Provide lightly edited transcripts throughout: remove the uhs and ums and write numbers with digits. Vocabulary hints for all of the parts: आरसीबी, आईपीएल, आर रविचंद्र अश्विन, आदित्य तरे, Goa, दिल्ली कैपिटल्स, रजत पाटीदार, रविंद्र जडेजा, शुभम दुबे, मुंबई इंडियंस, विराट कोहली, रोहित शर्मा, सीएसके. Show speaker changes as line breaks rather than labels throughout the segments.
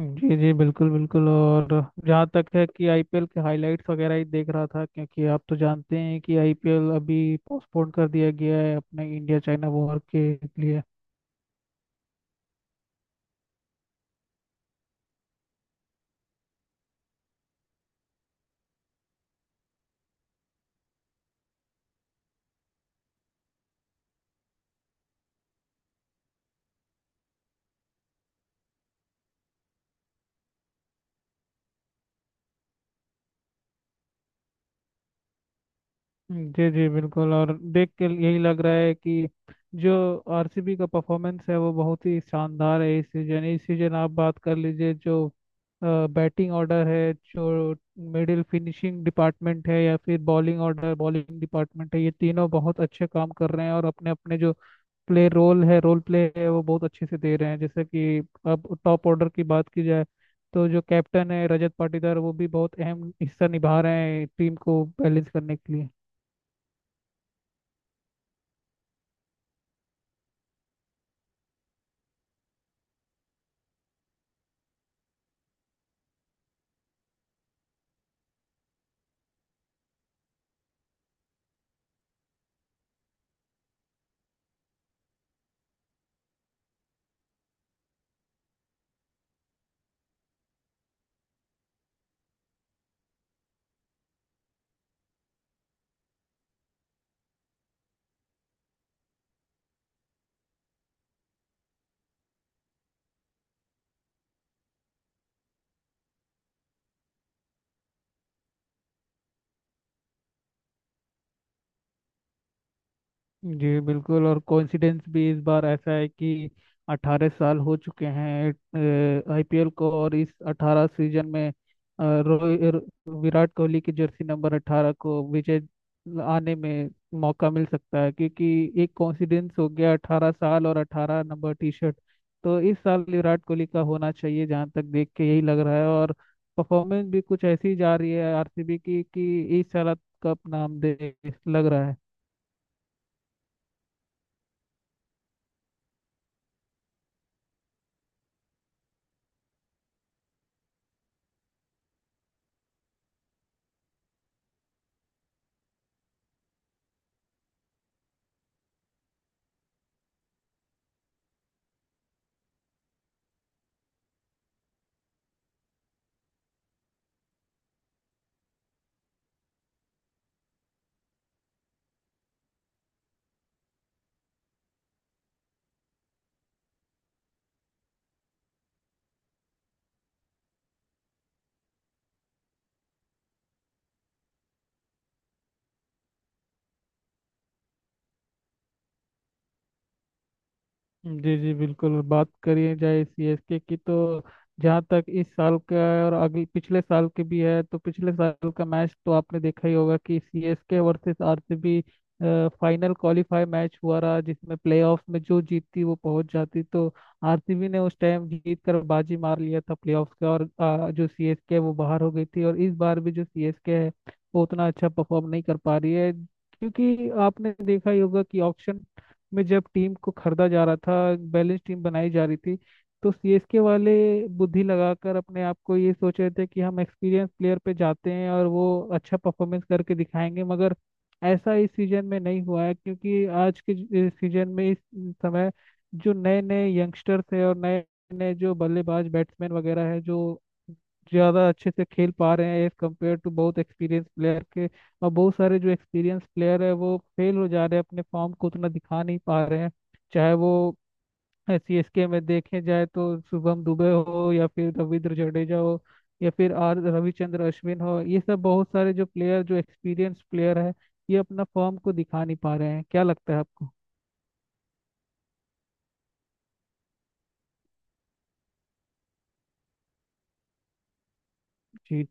जी जी बिल्कुल बिल्कुल। और जहाँ तक है कि आईपीएल के हाइलाइट्स वगैरह ही देख रहा था क्योंकि आप तो जानते हैं कि आईपीएल अभी पोस्टपोन कर दिया गया है अपने इंडिया चाइना वॉर के लिए। जी जी बिल्कुल। और देख के यही लग रहा है कि जो आरसीबी का परफॉर्मेंस है वो बहुत ही शानदार है। इस सीजन आप बात कर लीजिए, जो बैटिंग ऑर्डर है, जो मिडिल फिनिशिंग डिपार्टमेंट है या फिर बॉलिंग ऑर्डर बॉलिंग डिपार्टमेंट है, ये तीनों बहुत अच्छे काम कर रहे हैं और अपने अपने जो प्ले रोल है रोल प्ले है वो बहुत अच्छे से दे रहे हैं। जैसे कि अब टॉप ऑर्डर की बात की जाए तो जो कैप्टन है रजत पाटीदार वो भी बहुत अहम हिस्सा निभा रहे हैं टीम को बैलेंस करने के लिए। जी बिल्कुल। और कोइंसिडेंस भी इस बार ऐसा है कि 18 साल हो चुके हैं आईपीएल को और इस 18 सीजन में विराट कोहली की जर्सी नंबर 18 को विजय आने में मौका मिल सकता है, क्योंकि एक कोइंसिडेंस हो गया 18 साल और 18 नंबर टी शर्ट। तो इस साल विराट कोहली का होना चाहिए जहाँ तक देख के यही लग रहा है। और परफॉर्मेंस भी कुछ ऐसी जा रही है आरसीबी की कि इस साल कप नाम दे लग रहा है। जी जी बिल्कुल। बात करिए जाए सीएसके की तो जहाँ तक इस साल का है और अगले पिछले साल के भी है तो पिछले साल का मैच तो आपने देखा ही होगा कि सीएसके versus आरसीबी final qualify match हुआ रहा जिसमें प्लेऑफ में जो जीतती वो पहुंच जाती। तो आरसीबी ने उस टाइम जीत कर बाजी मार लिया था प्लेऑफ का और जो सीएसके है वो बाहर हो गई थी। और इस बार भी जो सीएसके है वो उतना अच्छा परफॉर्म नहीं कर पा रही है क्योंकि आपने देखा ही होगा कि ऑक्शन में जब टीम को खरीदा जा रहा था बैलेंस टीम बनाई जा रही थी तो सीएसके वाले बुद्धि लगाकर अपने आप को ये सोच रहे थे कि हम एक्सपीरियंस प्लेयर पे जाते हैं और वो अच्छा परफॉर्मेंस करके दिखाएंगे। मगर ऐसा इस सीजन में नहीं हुआ है क्योंकि आज के इस सीजन में इस समय जो नए नए यंगस्टर्स है और नए नए जो बल्लेबाज बैट्समैन वगैरह है जो ज़्यादा अच्छे से खेल पा रहे हैं एज कम्पेयर टू बहुत एक्सपीरियंस प्लेयर के। और बहुत सारे जो एक्सपीरियंस प्लेयर है वो फेल हो जा रहे हैं, अपने फॉर्म को उतना दिखा नहीं पा रहे हैं। चाहे वो सीएसके में देखे जाए तो शुभम दुबे हो या फिर रविंद्र जडेजा हो या फिर आर रविचंद्र अश्विन हो, ये सब बहुत सारे जो प्लेयर जो एक्सपीरियंस प्लेयर है ये अपना फॉर्म को दिखा नहीं पा रहे हैं। क्या लगता है आपको? जी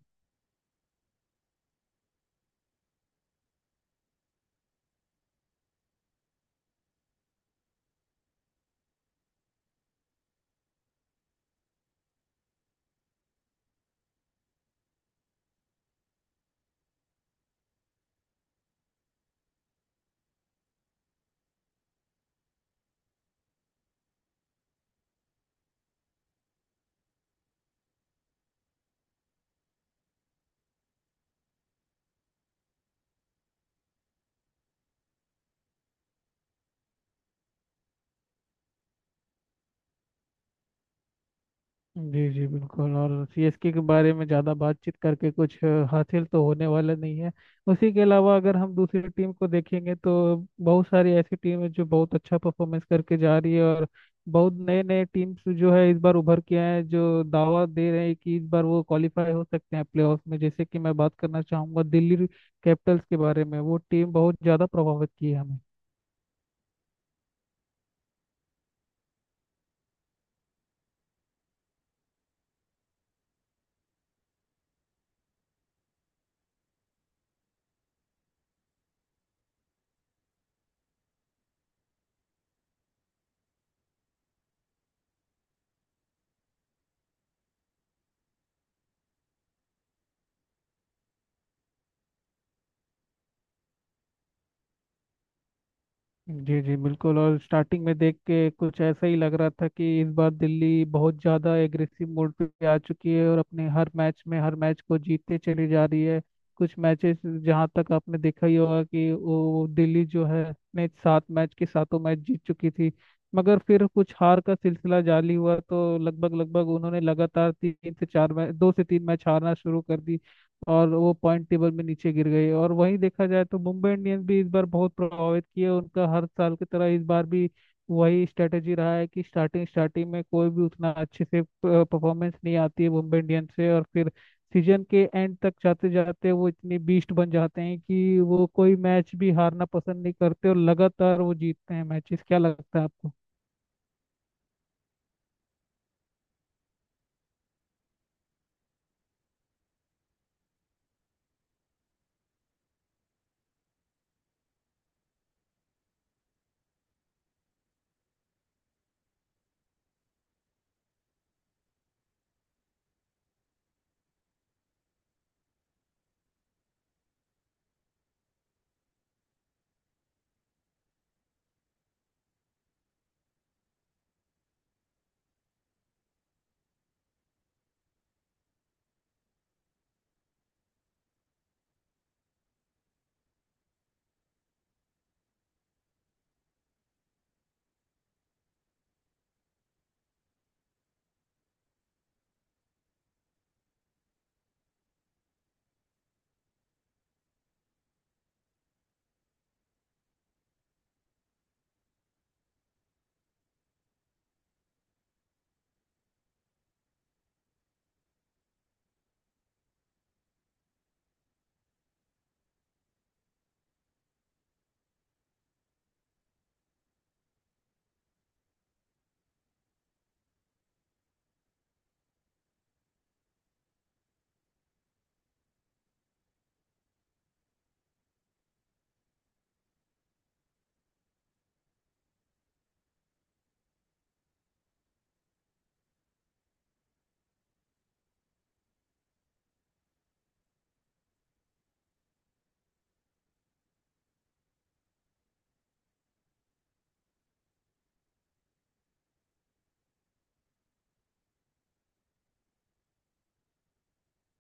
जी। जी बिल्कुल। और सीएसके के बारे में ज़्यादा बातचीत करके कुछ हासिल तो होने वाला नहीं है। उसी के अलावा अगर हम दूसरी टीम को देखेंगे तो बहुत सारी ऐसी टीम है जो बहुत अच्छा परफॉर्मेंस करके जा रही है। और बहुत नए नए टीम्स जो है इस बार उभर के आए हैं जो दावा दे रहे हैं कि इस बार वो क्वालिफाई हो सकते हैं प्लेऑफ में, जैसे कि मैं बात करना चाहूंगा दिल्ली कैपिटल्स के बारे में वो टीम बहुत ज़्यादा प्रभावित की है हमें। जी जी बिल्कुल। और स्टार्टिंग में देख के कुछ ऐसा ही लग रहा था कि इस बार दिल्ली बहुत ज़्यादा एग्रेसिव मोड पे आ चुकी है और अपने हर मैच में हर मैच को जीतते चली जा रही है। कुछ मैचेस जहाँ तक आपने देखा ही होगा कि वो दिल्ली जो है अपने सात मैच के सातों मैच जीत चुकी थी, मगर फिर कुछ हार का सिलसिला जारी हुआ तो लगभग लगभग उन्होंने लगातार तीन से चार मैच दो से तीन मैच हारना शुरू कर दी और वो पॉइंट टेबल में नीचे गिर गई। और वहीं देखा जाए तो मुंबई इंडियंस भी इस बार बहुत प्रभावित किए, उनका हर साल की तरह इस बार भी वही स्ट्रेटेजी रहा है कि स्टार्टिंग स्टार्टिंग में कोई भी उतना अच्छे से परफॉर्मेंस नहीं आती है मुंबई इंडियंस से और फिर सीजन के एंड तक जाते जाते वो इतनी बीस्ट बन जाते हैं कि वो कोई मैच भी हारना पसंद नहीं करते और लगातार वो जीतते हैं मैचेस। क्या लगता है आपको?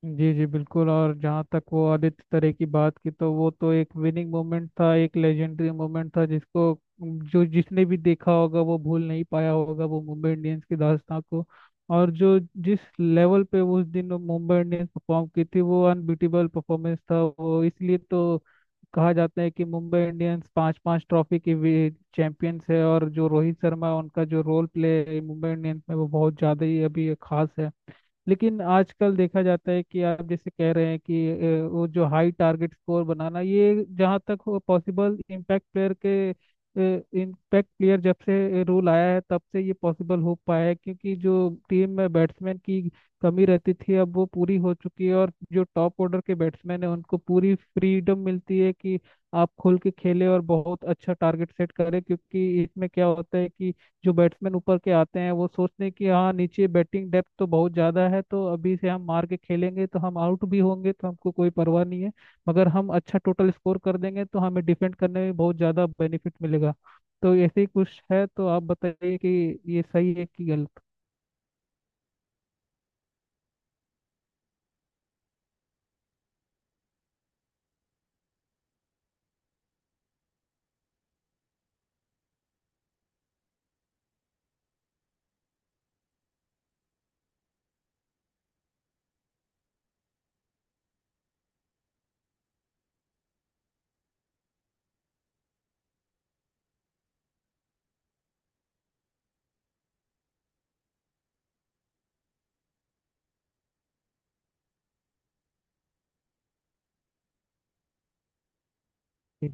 जी जी बिल्कुल। और जहाँ तक वो आदित्य तरे की बात की तो वो तो एक विनिंग मोमेंट था, एक लेजेंडरी मोमेंट था जिसको जो जिसने भी देखा होगा वो भूल नहीं पाया होगा वो मुंबई इंडियंस की दास्तां को। और जो जिस लेवल पे उस दिन मुंबई इंडियंस परफॉर्म की थी वो अनबीटेबल परफॉर्मेंस था वो, इसलिए तो कहा जाता है कि मुंबई इंडियंस पांच पांच ट्रॉफी की चैंपियंस है। और जो रोहित शर्मा उनका जो रोल प्ले मुंबई इंडियंस में वो बहुत ज़्यादा ही अभी खास है। लेकिन आजकल देखा जाता है कि आप जैसे कह रहे हैं कि वो जो हाई टारगेट स्कोर बनाना ये जहाँ तक हो पॉसिबल इम्पैक्ट प्लेयर के, इम्पैक्ट प्लेयर जब से रूल आया है तब से ये पॉसिबल हो पाया है क्योंकि जो टीम में बैट्समैन की कमी रहती थी अब वो पूरी हो चुकी है और जो टॉप ऑर्डर के बैट्समैन है उनको पूरी फ्रीडम मिलती है कि आप खुल के खेले और बहुत अच्छा टारगेट सेट करें। क्योंकि इसमें क्या होता है कि जो बैट्समैन ऊपर के आते हैं वो सोचते हैं कि हाँ नीचे बैटिंग डेप्थ तो बहुत ज़्यादा है, तो अभी से हम मार के खेलेंगे तो हम आउट भी होंगे तो हमको कोई परवाह नहीं है, मगर हम अच्छा टोटल स्कोर कर देंगे तो हमें डिफेंड करने में बहुत ज़्यादा बेनिफिट मिलेगा। तो ऐसे ही कुछ है। तो आप बताइए कि ये सही है कि गलत? जी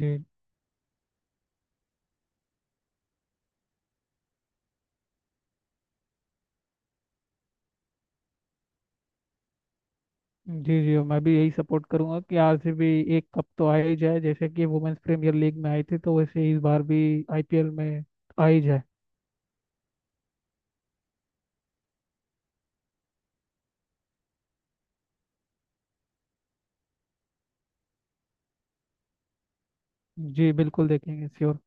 जी। जी जी मैं भी यही सपोर्ट करूंगा कि आरसीबी एक कप तो आ ही जाए जैसे कि वुमेन्स प्रीमियर लीग में आई थी तो वैसे ही इस बार भी आईपीएल में आ ही जाए। जी बिल्कुल, देखेंगे, श्योर।